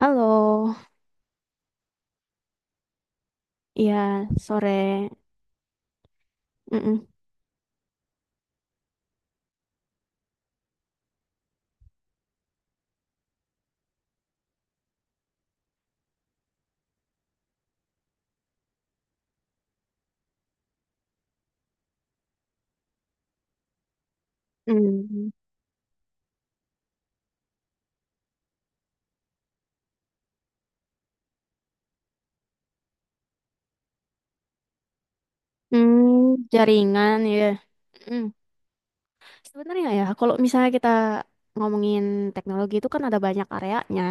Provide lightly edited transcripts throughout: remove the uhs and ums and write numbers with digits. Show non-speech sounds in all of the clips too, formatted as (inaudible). Halo, iya sore. Mm-mm. Mm. Jaringan ya. Mm. Sebenarnya ya, kalau misalnya kita ngomongin teknologi itu kan ada banyak areanya.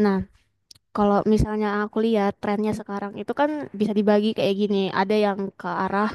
Nah, kalau misalnya aku lihat trennya sekarang itu kan bisa dibagi kayak gini. Ada yang ke arah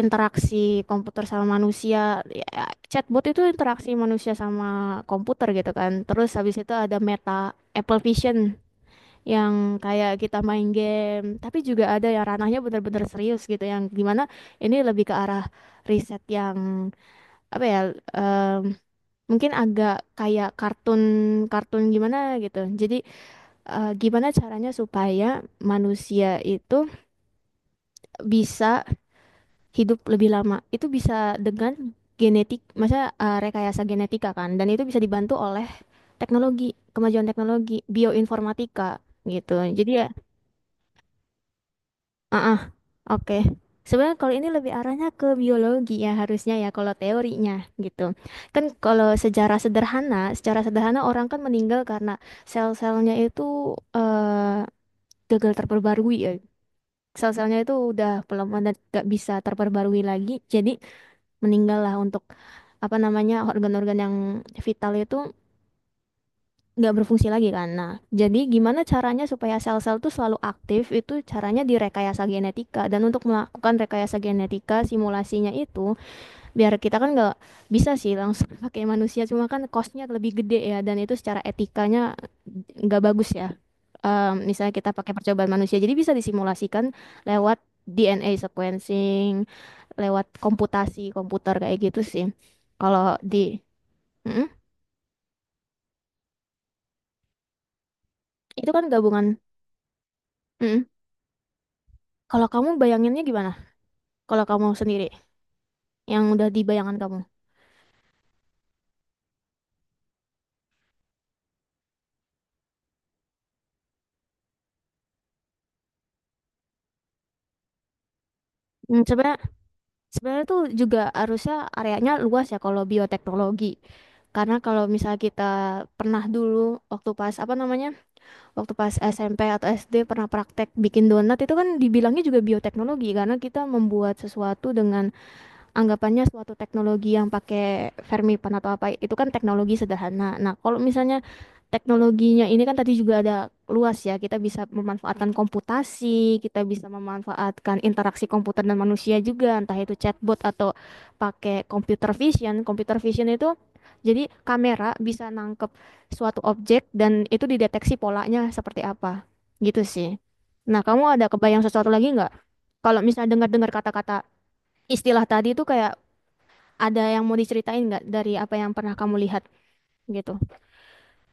interaksi komputer sama manusia. Ya, chatbot itu interaksi manusia sama komputer gitu kan. Terus habis itu ada Meta Apple Vision. Yang kayak kita main game, tapi juga ada yang ranahnya benar-benar serius gitu, yang dimana ini lebih ke arah riset yang apa ya, em, mungkin agak kayak kartun-kartun gimana gitu. Jadi gimana caranya supaya manusia itu bisa hidup lebih lama? Itu bisa dengan genetik, masa rekayasa genetika kan, dan itu bisa dibantu oleh teknologi, kemajuan teknologi, bioinformatika gitu. Jadi ya. Oke, sebenarnya kalau ini lebih arahnya ke biologi ya harusnya ya kalau teorinya gitu. Kan kalau sejarah sederhana, secara sederhana orang kan meninggal karena sel-selnya itu eh, gagal terperbarui ya. Sel-selnya itu udah pelemah dan gak bisa terperbarui lagi, jadi meninggallah untuk apa namanya organ-organ yang vital itu nggak berfungsi lagi kan. Nah, jadi gimana caranya supaya sel-sel tuh selalu aktif itu caranya direkayasa genetika. Dan untuk melakukan rekayasa genetika simulasinya itu biar kita kan nggak bisa sih langsung (laughs) pakai manusia cuma kan costnya lebih gede ya dan itu secara etikanya nggak bagus ya. Misalnya kita pakai percobaan manusia, jadi bisa disimulasikan lewat DNA sequencing, lewat komputasi komputer kayak gitu sih. Kalau di Mm-mm. Itu kan gabungan. Mm-mm. Kalau kamu bayanginnya gimana? Kalau kamu sendiri, yang udah di bayangan kamu. Sebenarnya sebenarnya tuh juga harusnya areanya luas ya kalau bioteknologi. Karena kalau misal kita pernah dulu waktu pas apa namanya? Waktu pas SMP atau SD pernah praktek bikin donat itu kan dibilangnya juga bioteknologi karena kita membuat sesuatu dengan anggapannya suatu teknologi yang pakai Fermipan atau apa itu kan teknologi sederhana. Nah, kalau misalnya teknologinya ini kan tadi juga ada luas ya, kita bisa memanfaatkan komputasi, kita bisa memanfaatkan interaksi komputer dan manusia juga, entah itu chatbot atau pakai computer vision. Computer vision itu jadi kamera bisa nangkep suatu objek dan itu dideteksi polanya seperti apa. Gitu sih. Nah, kamu ada kebayang sesuatu lagi nggak? Kalau misalnya dengar-dengar kata-kata istilah tadi itu kayak ada yang mau diceritain nggak dari apa yang pernah kamu lihat gitu?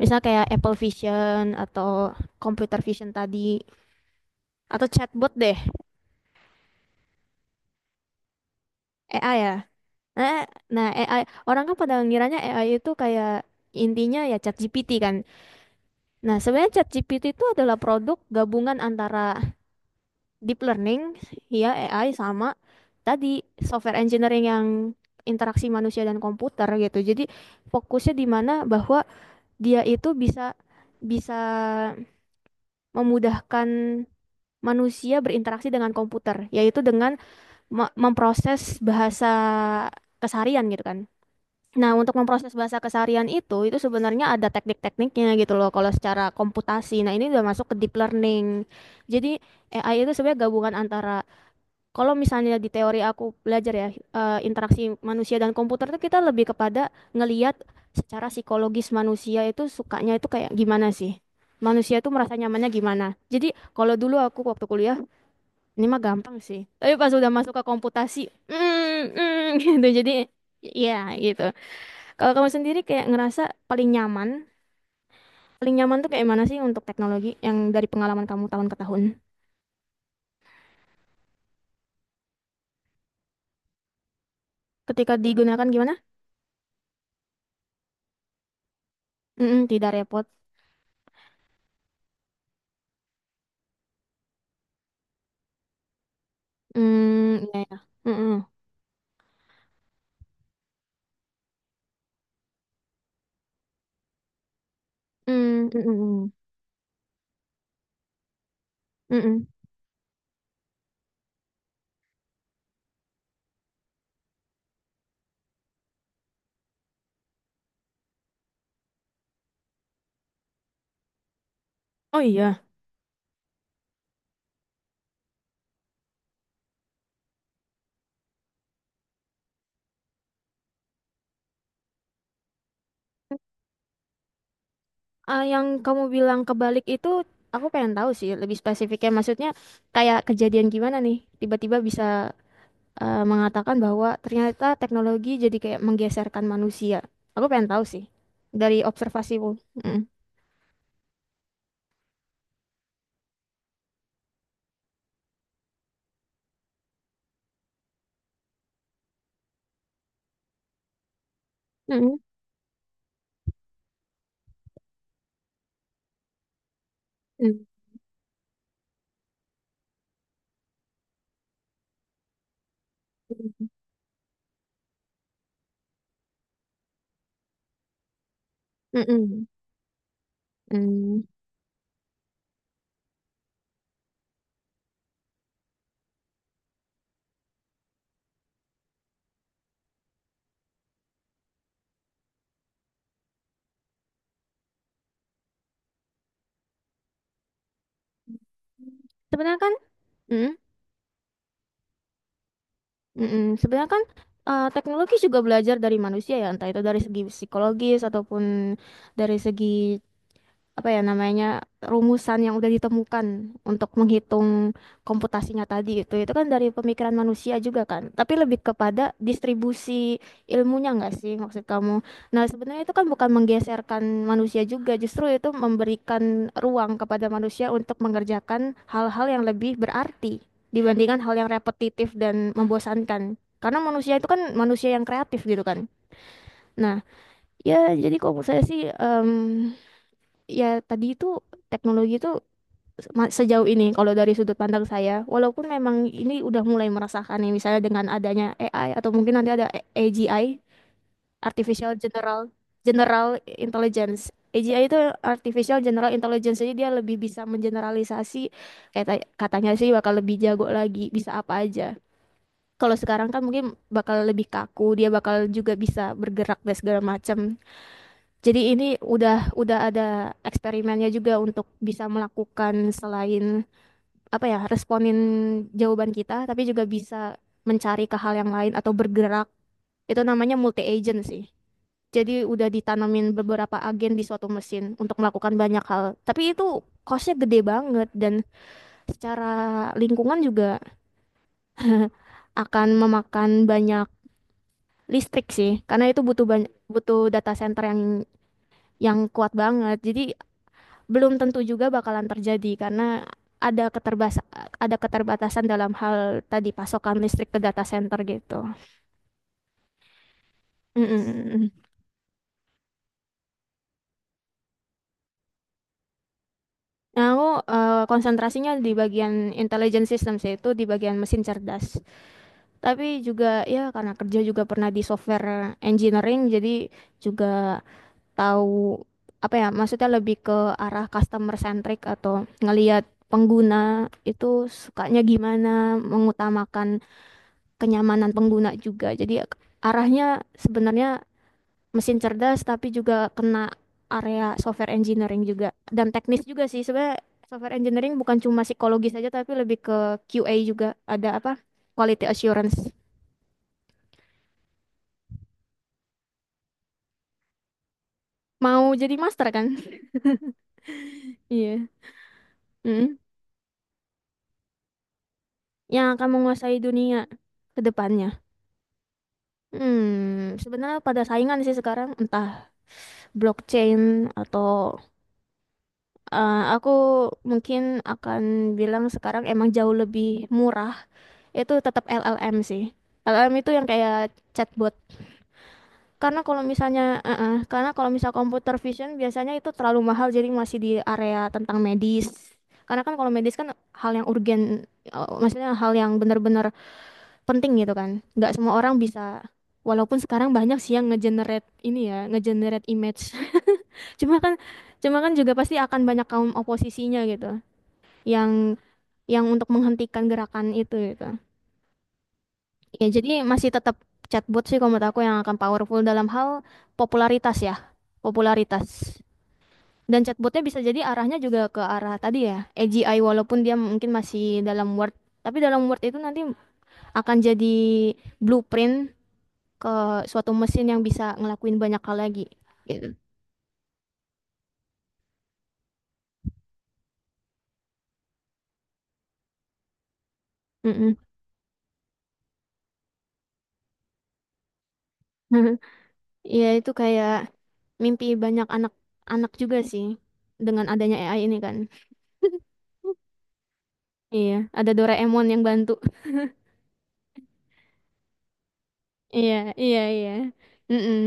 Misal kayak Apple Vision atau computer vision tadi atau chatbot deh, AI ya. Nah, AI orang kan pada ngiranya AI itu kayak intinya ya ChatGPT kan. Nah, sebenarnya ChatGPT itu adalah produk gabungan antara deep learning ya AI sama tadi software engineering yang interaksi manusia dan komputer gitu. Jadi fokusnya di mana bahwa dia itu bisa bisa memudahkan manusia berinteraksi dengan komputer, yaitu dengan memproses bahasa keseharian gitu kan. Nah, untuk memproses bahasa keseharian itu sebenarnya ada teknik-tekniknya gitu loh kalau secara komputasi. Nah, ini udah masuk ke deep learning. Jadi, AI itu sebenarnya gabungan antara kalau misalnya di teori aku belajar ya interaksi manusia dan komputer itu kita lebih kepada ngeliat secara psikologis manusia itu sukanya itu kayak gimana sih? Manusia itu merasa nyamannya gimana? Jadi kalau dulu aku waktu kuliah ini mah gampang sih. Tapi pas udah masuk ke komputasi, (laughs) gitu. Jadi ya gitu. Kalau kamu sendiri kayak ngerasa paling nyaman, paling nyaman tuh kayak mana sih untuk teknologi yang dari pengalaman kamu tahun ke tahun? Ketika digunakan gimana? Mm, mm, tidak repot. Mm, ya, ya. Mm-mm. Mm, mm, mm, mm, mm, mm. Oh iya. Ah, yang kamu bilang kebalik itu aku pengen tahu sih lebih spesifiknya. Maksudnya kayak kejadian gimana nih? Tiba-tiba bisa mengatakan bahwa ternyata teknologi jadi kayak menggeserkan manusia. Aku pengen tahu sih dari observasimu. Mm. Mm-mm. Mm. Mm-mm. Mm. Sebenarnya kan, mm, mm-mm. Sebenarnya kan teknologi juga belajar dari manusia ya, entah itu dari segi psikologis ataupun dari segi apa ya namanya rumusan yang udah ditemukan untuk menghitung komputasinya tadi itu kan dari pemikiran manusia juga kan, tapi lebih kepada distribusi ilmunya nggak sih maksud kamu. Nah, sebenarnya itu kan bukan menggeserkan manusia juga, justru itu memberikan ruang kepada manusia untuk mengerjakan hal-hal yang lebih berarti dibandingkan hal yang repetitif dan membosankan karena manusia itu kan manusia yang kreatif gitu kan. Nah, ya jadi kalau menurut saya sih ya tadi itu teknologi itu sejauh ini kalau dari sudut pandang saya walaupun memang ini udah mulai merasakan nih misalnya dengan adanya AI atau mungkin nanti ada AGI artificial general general intelligence AGI itu artificial general intelligence jadi dia lebih bisa mengeneralisasi kayak katanya sih bakal lebih jago lagi bisa apa aja, kalau sekarang kan mungkin bakal lebih kaku dia bakal juga bisa bergerak dan segala macam, jadi ini udah ada eksperimennya juga untuk bisa melakukan selain apa ya, responin jawaban kita, tapi juga bisa mencari ke hal yang lain atau bergerak. Itu namanya multi agent sih. Jadi udah ditanamin beberapa agen di suatu mesin untuk melakukan banyak hal. Tapi itu costnya gede banget dan secara lingkungan juga akan memakan banyak listrik sih, karena itu butuh banyak butuh data center yang kuat banget. Jadi belum tentu juga bakalan terjadi karena ada keterbas ada keterbatasan dalam hal tadi pasokan listrik ke data center gitu. Mm-mm. Nah, aku konsentrasinya di bagian intelligent system sih, itu di bagian mesin cerdas. Tapi juga ya karena kerja juga pernah di software engineering jadi juga tahu apa ya maksudnya, lebih ke arah customer centric atau ngelihat pengguna itu sukanya gimana, mengutamakan kenyamanan pengguna juga. Jadi arahnya sebenarnya mesin cerdas tapi juga kena area software engineering juga dan teknis juga sih. Sebenarnya software engineering bukan cuma psikologis saja tapi lebih ke QA juga. Ada apa? Quality assurance. Mau jadi master kan? (laughs) Iya. Mm. Yang akan menguasai dunia ke depannya. Sebenarnya pada saingan sih sekarang entah blockchain atau aku mungkin akan bilang sekarang emang jauh lebih murah. Itu tetap LLM sih. LLM itu yang kayak chatbot. Karena kalau misal computer vision biasanya itu terlalu mahal, jadi masih di area tentang medis. Karena kan kalau medis kan hal yang urgen, maksudnya hal yang benar-benar penting gitu kan. Nggak semua orang bisa. Walaupun sekarang banyak sih yang ngegenerate ini ya, ngegenerate image. (laughs) Cuma kan, cuma kan juga pasti akan banyak kaum oposisinya gitu, yang untuk menghentikan gerakan itu gitu. Ya jadi masih tetap chatbot sih kalau menurut aku yang akan powerful dalam hal popularitas ya, popularitas. Dan chatbotnya bisa jadi arahnya juga ke arah tadi ya, AGI walaupun dia mungkin masih dalam Word, tapi dalam Word itu nanti akan jadi blueprint ke suatu mesin yang bisa ngelakuin banyak hal lagi. Gitu. Mm-mm. (laughs) Ya itu kayak mimpi banyak anak-anak juga sih dengan adanya AI ini kan. (laughs) Iya, ada Doraemon yang bantu. Iya, iya, iya. Mm-mm.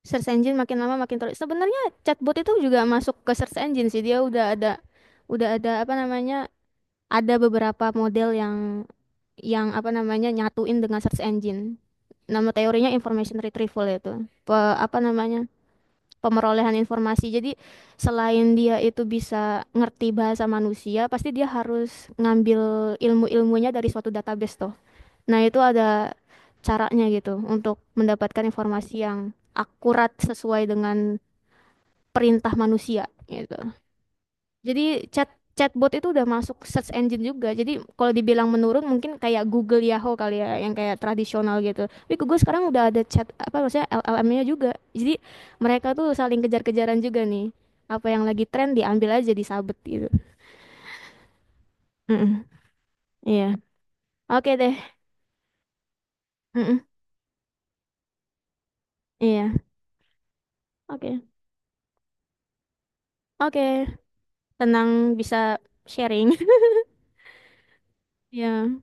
Search engine makin lama makin terlalu. Sebenarnya chatbot itu juga masuk ke search engine sih. Dia udah ada apa namanya? Ada beberapa model yang apa namanya nyatuin dengan search engine. Nama teorinya information retrieval itu. Apa namanya? Pemerolehan informasi. Jadi selain dia itu bisa ngerti bahasa manusia, pasti dia harus ngambil ilmu-ilmunya dari suatu database. Nah, itu ada caranya gitu untuk mendapatkan informasi yang akurat sesuai dengan perintah manusia gitu. Jadi chat chatbot itu udah masuk search engine juga. Jadi kalau dibilang menurun mungkin kayak Google Yahoo kali ya yang kayak tradisional gitu. Tapi Google sekarang udah ada chat apa maksudnya LLM-nya juga. Jadi mereka tuh saling kejar-kejaran juga nih. Apa yang lagi tren diambil aja disabet gitu. Mm-mm, iya. Oke deh. Mm-mm, iya. Oke. Oke. Tenang bisa sharing. Iya.